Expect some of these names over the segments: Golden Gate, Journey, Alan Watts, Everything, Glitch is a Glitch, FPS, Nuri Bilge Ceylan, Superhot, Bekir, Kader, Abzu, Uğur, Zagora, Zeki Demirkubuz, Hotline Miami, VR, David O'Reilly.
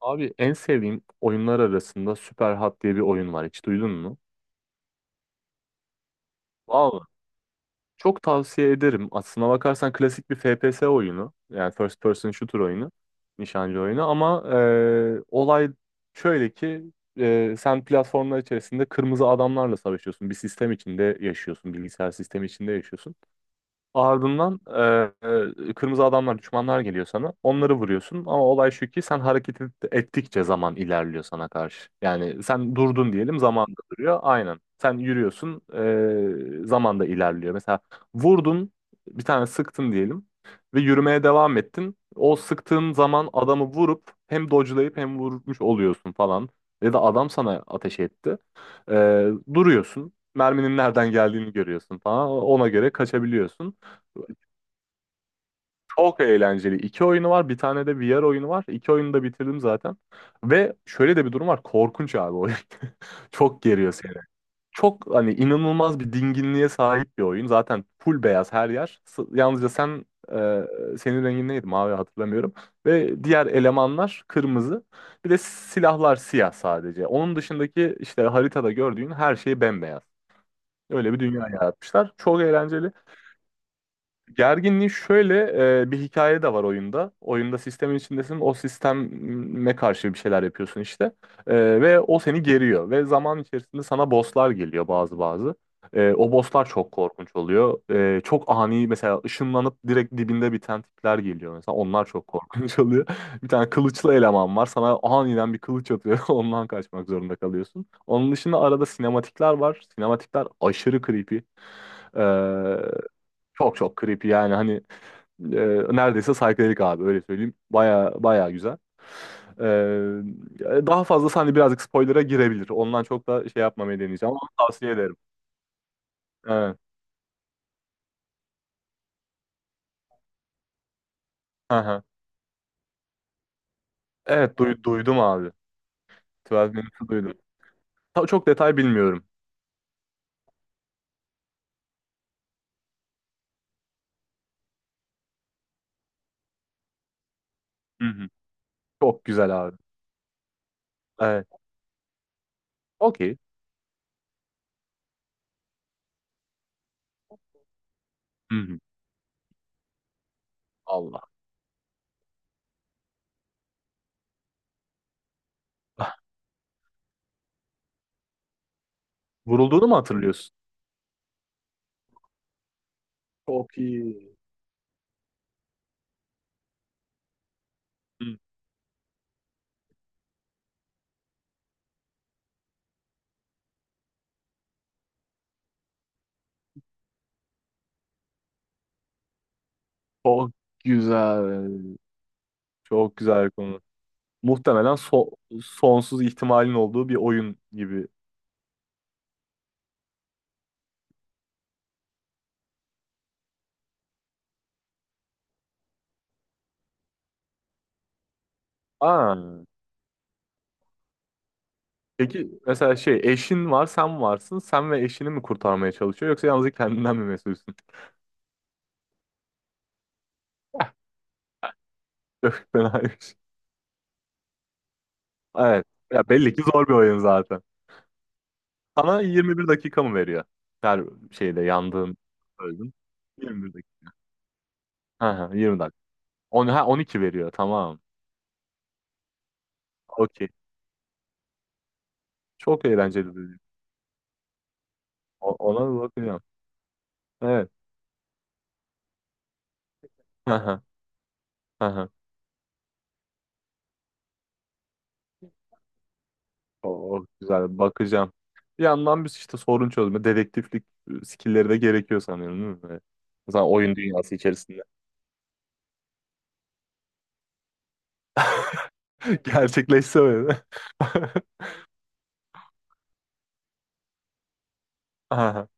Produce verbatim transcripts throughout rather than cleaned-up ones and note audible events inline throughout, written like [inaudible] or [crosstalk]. Abi en sevdiğim oyunlar arasında Superhot diye bir oyun var. Hiç duydun mu? Vallahi çok tavsiye ederim. Aslına bakarsan klasik bir F P S oyunu. Yani first person shooter oyunu. Nişancı oyunu ama e, olay şöyle ki, e, sen platformlar içerisinde kırmızı adamlarla savaşıyorsun. Bir sistem içinde yaşıyorsun. Bilgisayar sistemi içinde yaşıyorsun. Ardından e, e, kırmızı adamlar, düşmanlar geliyor sana. Onları vuruyorsun ama olay şu ki sen hareket et- ettikçe zaman ilerliyor sana karşı. Yani sen durdun diyelim, zaman da duruyor. Aynen. Sen yürüyorsun, e, zaman da ilerliyor. Mesela vurdun, bir tane sıktın diyelim ve yürümeye devam ettin. O sıktığın zaman adamı vurup hem dodge'layıp hem vurmuş oluyorsun falan. Ya da adam sana ateş etti. E, Duruyorsun. Merminin nereden geldiğini görüyorsun falan. Ona göre kaçabiliyorsun. Çok eğlenceli. İki oyunu var. Bir tane de V R oyunu var. İki oyunu da bitirdim zaten. Ve şöyle de bir durum var. Korkunç abi oyun. [laughs] Çok geriyor seni. Çok hani inanılmaz bir dinginliğe sahip bir oyun. Zaten full beyaz her yer. S- Yalnızca sen, e, senin rengin neydi? Mavi, hatırlamıyorum. Ve diğer elemanlar kırmızı. Bir de silahlar siyah sadece. Onun dışındaki işte haritada gördüğün her şey bembeyaz. Öyle bir dünya yaratmışlar. Çok eğlenceli. Gerginliği şöyle, e, bir hikaye de var oyunda. Oyunda sistemin içindesin. O sisteme karşı bir şeyler yapıyorsun işte. E, ve o seni geriyor. Ve zaman içerisinde sana bosslar geliyor bazı bazı. E, o bosslar çok korkunç oluyor. E, çok ani mesela, ışınlanıp direkt dibinde biten tipler geliyor. Mesela onlar çok korkunç [laughs] oluyor. Bir tane kılıçlı eleman var. Sana aniden bir kılıç atıyor. [laughs] Ondan kaçmak zorunda kalıyorsun. Onun dışında arada sinematikler var. Sinematikler aşırı creepy. Çok çok creepy yani hani, e, neredeyse psychedelic abi, öyle söyleyeyim. Baya baya güzel. E, Daha fazlası hani birazcık spoiler'a girebilir. Ondan çok da şey yapmamaya deneyeceğim ama tavsiye ederim. Evet. Hı hı. Evet duy- duydum abi. twelve Minutes'ı duydum. Ta- çok detay bilmiyorum. Hı hı. Çok güzel abi. Evet. Okey. Hı hı. Allah. [laughs] Vurulduğunu mu hatırlıyorsun? Çok iyi. Hı. Çok güzel. Çok güzel konu. Muhtemelen so- sonsuz ihtimalin olduğu bir oyun gibi. Aa. Peki mesela şey, eşin var, sen varsın. Sen ve eşini mi kurtarmaya çalışıyor, yoksa yalnızca kendinden mi mesulsün? [laughs] Çok fenaymış. Evet. Ya belli ki zor bir oyun zaten. Sana yirmi bir dakika mı veriyor? Her şeyde yandığın öldün. yirmi bir dakika. Ha, yirmi dakika. On, ha, on iki veriyor, tamam. Okey. Çok eğlenceli bir oyun. O- Ona bakacağım. Evet. Aha, aha. O güzel, bakacağım. Bir yandan biz işte sorun çözme, dedektiflik, e, skillleri de gerekiyor sanıyorum, değil mi? Böyle. Mesela oyun dünyası içerisinde. [laughs] Gerçekleşse öyle. [laughs] Aha.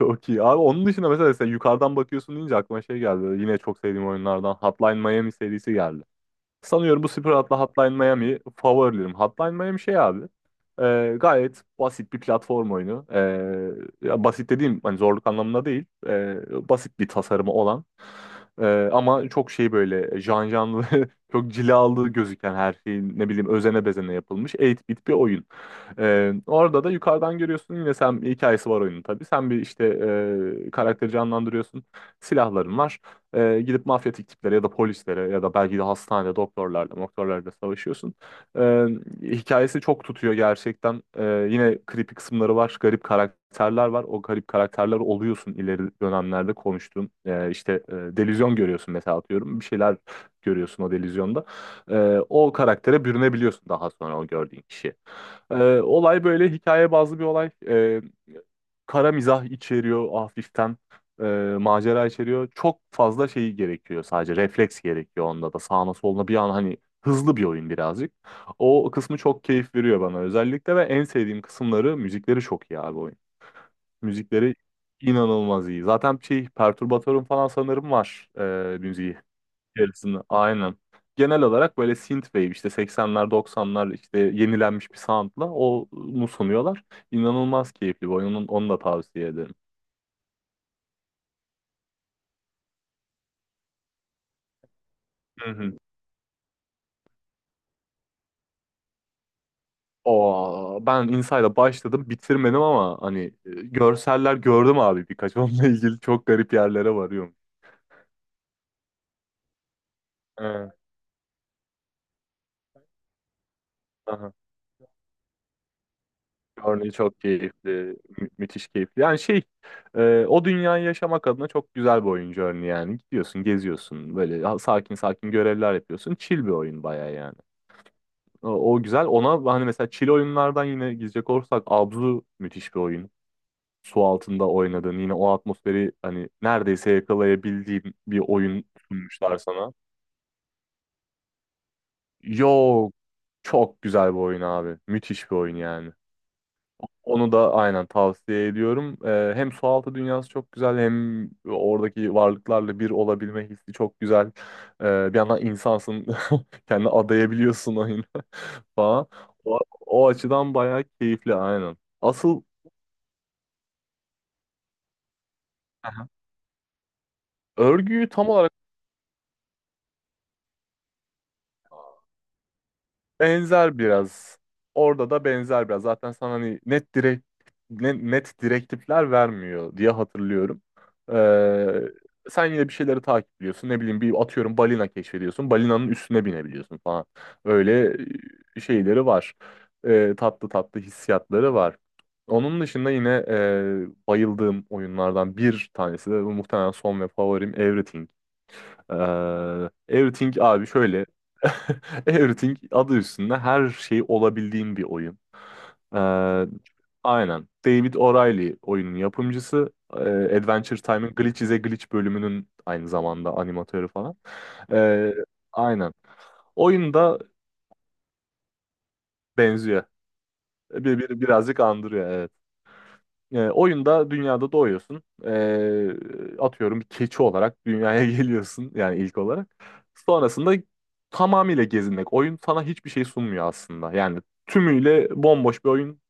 Çok iyi. Abi onun dışında, mesela sen yukarıdan bakıyorsun deyince aklıma şey geldi. Yine çok sevdiğim oyunlardan Hotline Miami serisi geldi. Sanıyorum bu Sprat'la Hotline Miami favorilerim. Hotline Miami şey abi, e, gayet basit bir platform oyunu. E, ya basit dediğim hani zorluk anlamında değil. E, basit bir tasarımı olan. E, ama çok şey, böyle can canlı, [laughs] çok cilalı gözüken, her şeyin ne bileyim özene bezene yapılmış sekiz bit bir oyun. E, orada da yukarıdan görüyorsun yine, sen hikayesi var oyunun tabii. Sen bir işte, e, karakteri canlandırıyorsun. Silahların var. E, gidip mafyatik tiplere ya da polislere ya da belki de hastanede doktorlarla, doktorlarla savaşıyorsun. E, Hikayesi çok tutuyor gerçekten. E, yine creepy kısımları var, garip karakterler var. O garip karakterler oluyorsun ileri dönemlerde, konuştuğum. E, işte e, delüzyon görüyorsun mesela, atıyorum. Bir şeyler görüyorsun o delüzyonda. E, o karaktere bürünebiliyorsun daha sonra, o gördüğün kişi. E, olay böyle hikaye bazlı bir olay. E, kara mizah içeriyor hafiften. e, Macera içeriyor. Çok fazla şeyi gerekiyor sadece. Refleks gerekiyor onda da. Sağına soluna bir an hani, hızlı bir oyun birazcık. O kısmı çok keyif veriyor bana özellikle, ve en sevdiğim kısımları müzikleri, çok iyi abi oyun. Müzikleri inanılmaz iyi. Zaten şey, perturbatörüm falan sanırım var, e, müziği içerisinde. Aynen. Genel olarak böyle synthwave, işte seksenler doksanlar işte, yenilenmiş bir soundla onu sunuyorlar. İnanılmaz keyifli bir oyunun, onu da tavsiye ederim. Hı hı. Aa, ben Inside'a başladım, bitirmedim, ama hani, e, görseller gördüm abi birkaç, [laughs] onunla ilgili çok garip yerlere varıyorum. Evet. Aha. Journey çok keyifli, mü- müthiş keyifli. Yani şey, e, o dünyayı yaşamak adına çok güzel bir oyun Journey yani. Gidiyorsun, geziyorsun, böyle, ha- sakin sakin görevler yapıyorsun. Chill bir oyun bayağı yani. O, O güzel. Ona hani mesela, chill oyunlardan yine gidecek olursak, Abzu müthiş bir oyun. Su altında oynadığın, yine o atmosferi hani neredeyse yakalayabildiğin bir oyun sunmuşlar sana. Yok, çok güzel bir oyun abi. Müthiş bir oyun yani. Onu da aynen tavsiye ediyorum. Ee, hem sualtı dünyası çok güzel, hem oradaki varlıklarla bir olabilme hissi çok güzel. Ee, bir yandan insansın, [laughs] kendini adayabiliyorsun oyuna [laughs] falan. O, O açıdan bayağı keyifli, aynen. Asıl, aha, örgüyü tam olarak benzer biraz. Orada da benzer biraz. Zaten sana hani net direkt, ne- net direktifler vermiyor diye hatırlıyorum. Ee, sen yine bir şeyleri takipliyorsun. Ne bileyim, bir atıyorum, balina keşfediyorsun. Balinanın üstüne binebiliyorsun falan. Öyle e, şeyleri var. Ee, tatlı tatlı hissiyatları var. Onun dışında yine, e, bayıldığım oyunlardan bir tanesi de bu, muhtemelen son ve favorim, Everything. Ee, Everything abi şöyle. [laughs] Everything, adı üstünde, her şey olabildiğin bir oyun. Ee, aynen. David O'Reilly oyunun yapımcısı. Ee, Adventure Time'ın Glitch is a Glitch bölümünün aynı zamanda animatörü falan. Ee, aynen. Oyun da benziyor. Ee, Bir, bir, birazcık andırıyor, evet. E, oyunda dünyada doğuyorsun. E, atıyorum, bir keçi olarak dünyaya [laughs] geliyorsun yani ilk olarak. Sonrasında tamamıyla gezinmek. Oyun sana hiçbir şey sunmuyor aslında. Yani tümüyle bomboş bir oyun.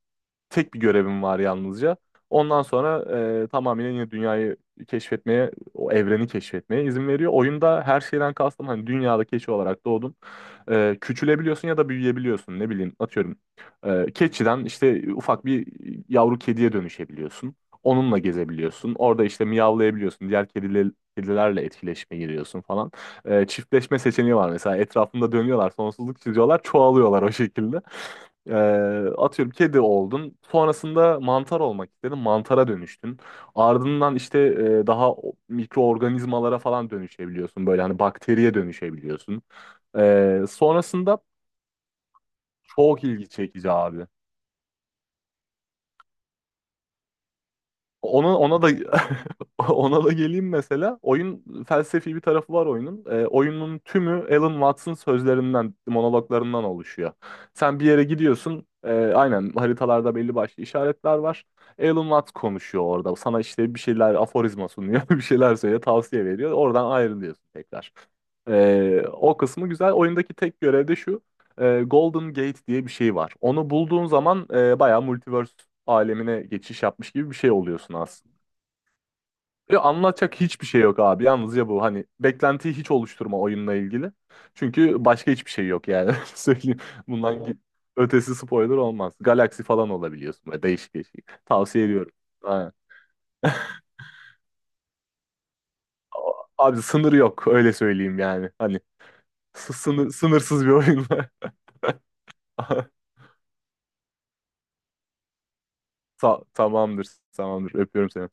Tek bir görevim var yalnızca. Ondan sonra e, tamamen yine dünyayı keşfetmeye, o evreni keşfetmeye izin veriyor. Oyunda her şeyden kastım hani, dünyada keçi olarak doğdun. E, küçülebiliyorsun ya da büyüyebiliyorsun. Ne bileyim, atıyorum. E, keçiden işte ufak bir yavru kediye dönüşebiliyorsun. Onunla gezebiliyorsun. Orada işte miyavlayabiliyorsun. Diğer kediler, kedilerle etkileşime giriyorsun falan. E, çiftleşme seçeneği var mesela. Etrafında dönüyorlar, sonsuzluk çiziyorlar, çoğalıyorlar o şekilde. Ee, Atıyorum, kedi oldun. Sonrasında mantar olmak istedin. Mantara dönüştün. Ardından işte, e, daha o- mikroorganizmalara falan dönüşebiliyorsun. Böyle hani, bakteriye dönüşebiliyorsun. Ee, sonrasında çok ilgi çekici abi. Ona ona da [laughs] ona da geleyim mesela. Oyun, felsefi bir tarafı var oyunun. Ee, oyunun tümü Alan Watts'ın sözlerinden, monologlarından oluşuyor. Sen bir yere gidiyorsun. E, aynen, haritalarda belli başlı işaretler var. Alan Watts konuşuyor orada. Sana işte bir şeyler aforizma sunuyor, [laughs] bir şeyler söylüyor, tavsiye veriyor. Oradan ayrılıyorsun tekrar. Ee, o kısmı güzel. Oyundaki tek görev de şu, e, Golden Gate diye bir şey var. Onu bulduğun zaman e, bayağı multiverse alemine geçiş yapmış gibi bir şey oluyorsun aslında. Ve anlatacak hiçbir şey yok abi. Yalnızca bu, hani beklentiyi hiç oluşturma oyunla ilgili. Çünkü başka hiçbir şey yok yani. [laughs] Öyle söyleyeyim. Bundan ki- Ötesi spoiler olmaz. Galaksi falan olabiliyorsun böyle, değişik değişik. Tavsiye ediyorum. Aynen. [laughs] Abi sınır yok, öyle söyleyeyim yani. Hani s- sınır, sınırsız bir oyun. [laughs] Ta- tamamdır. Tamamdır. Öpüyorum seni.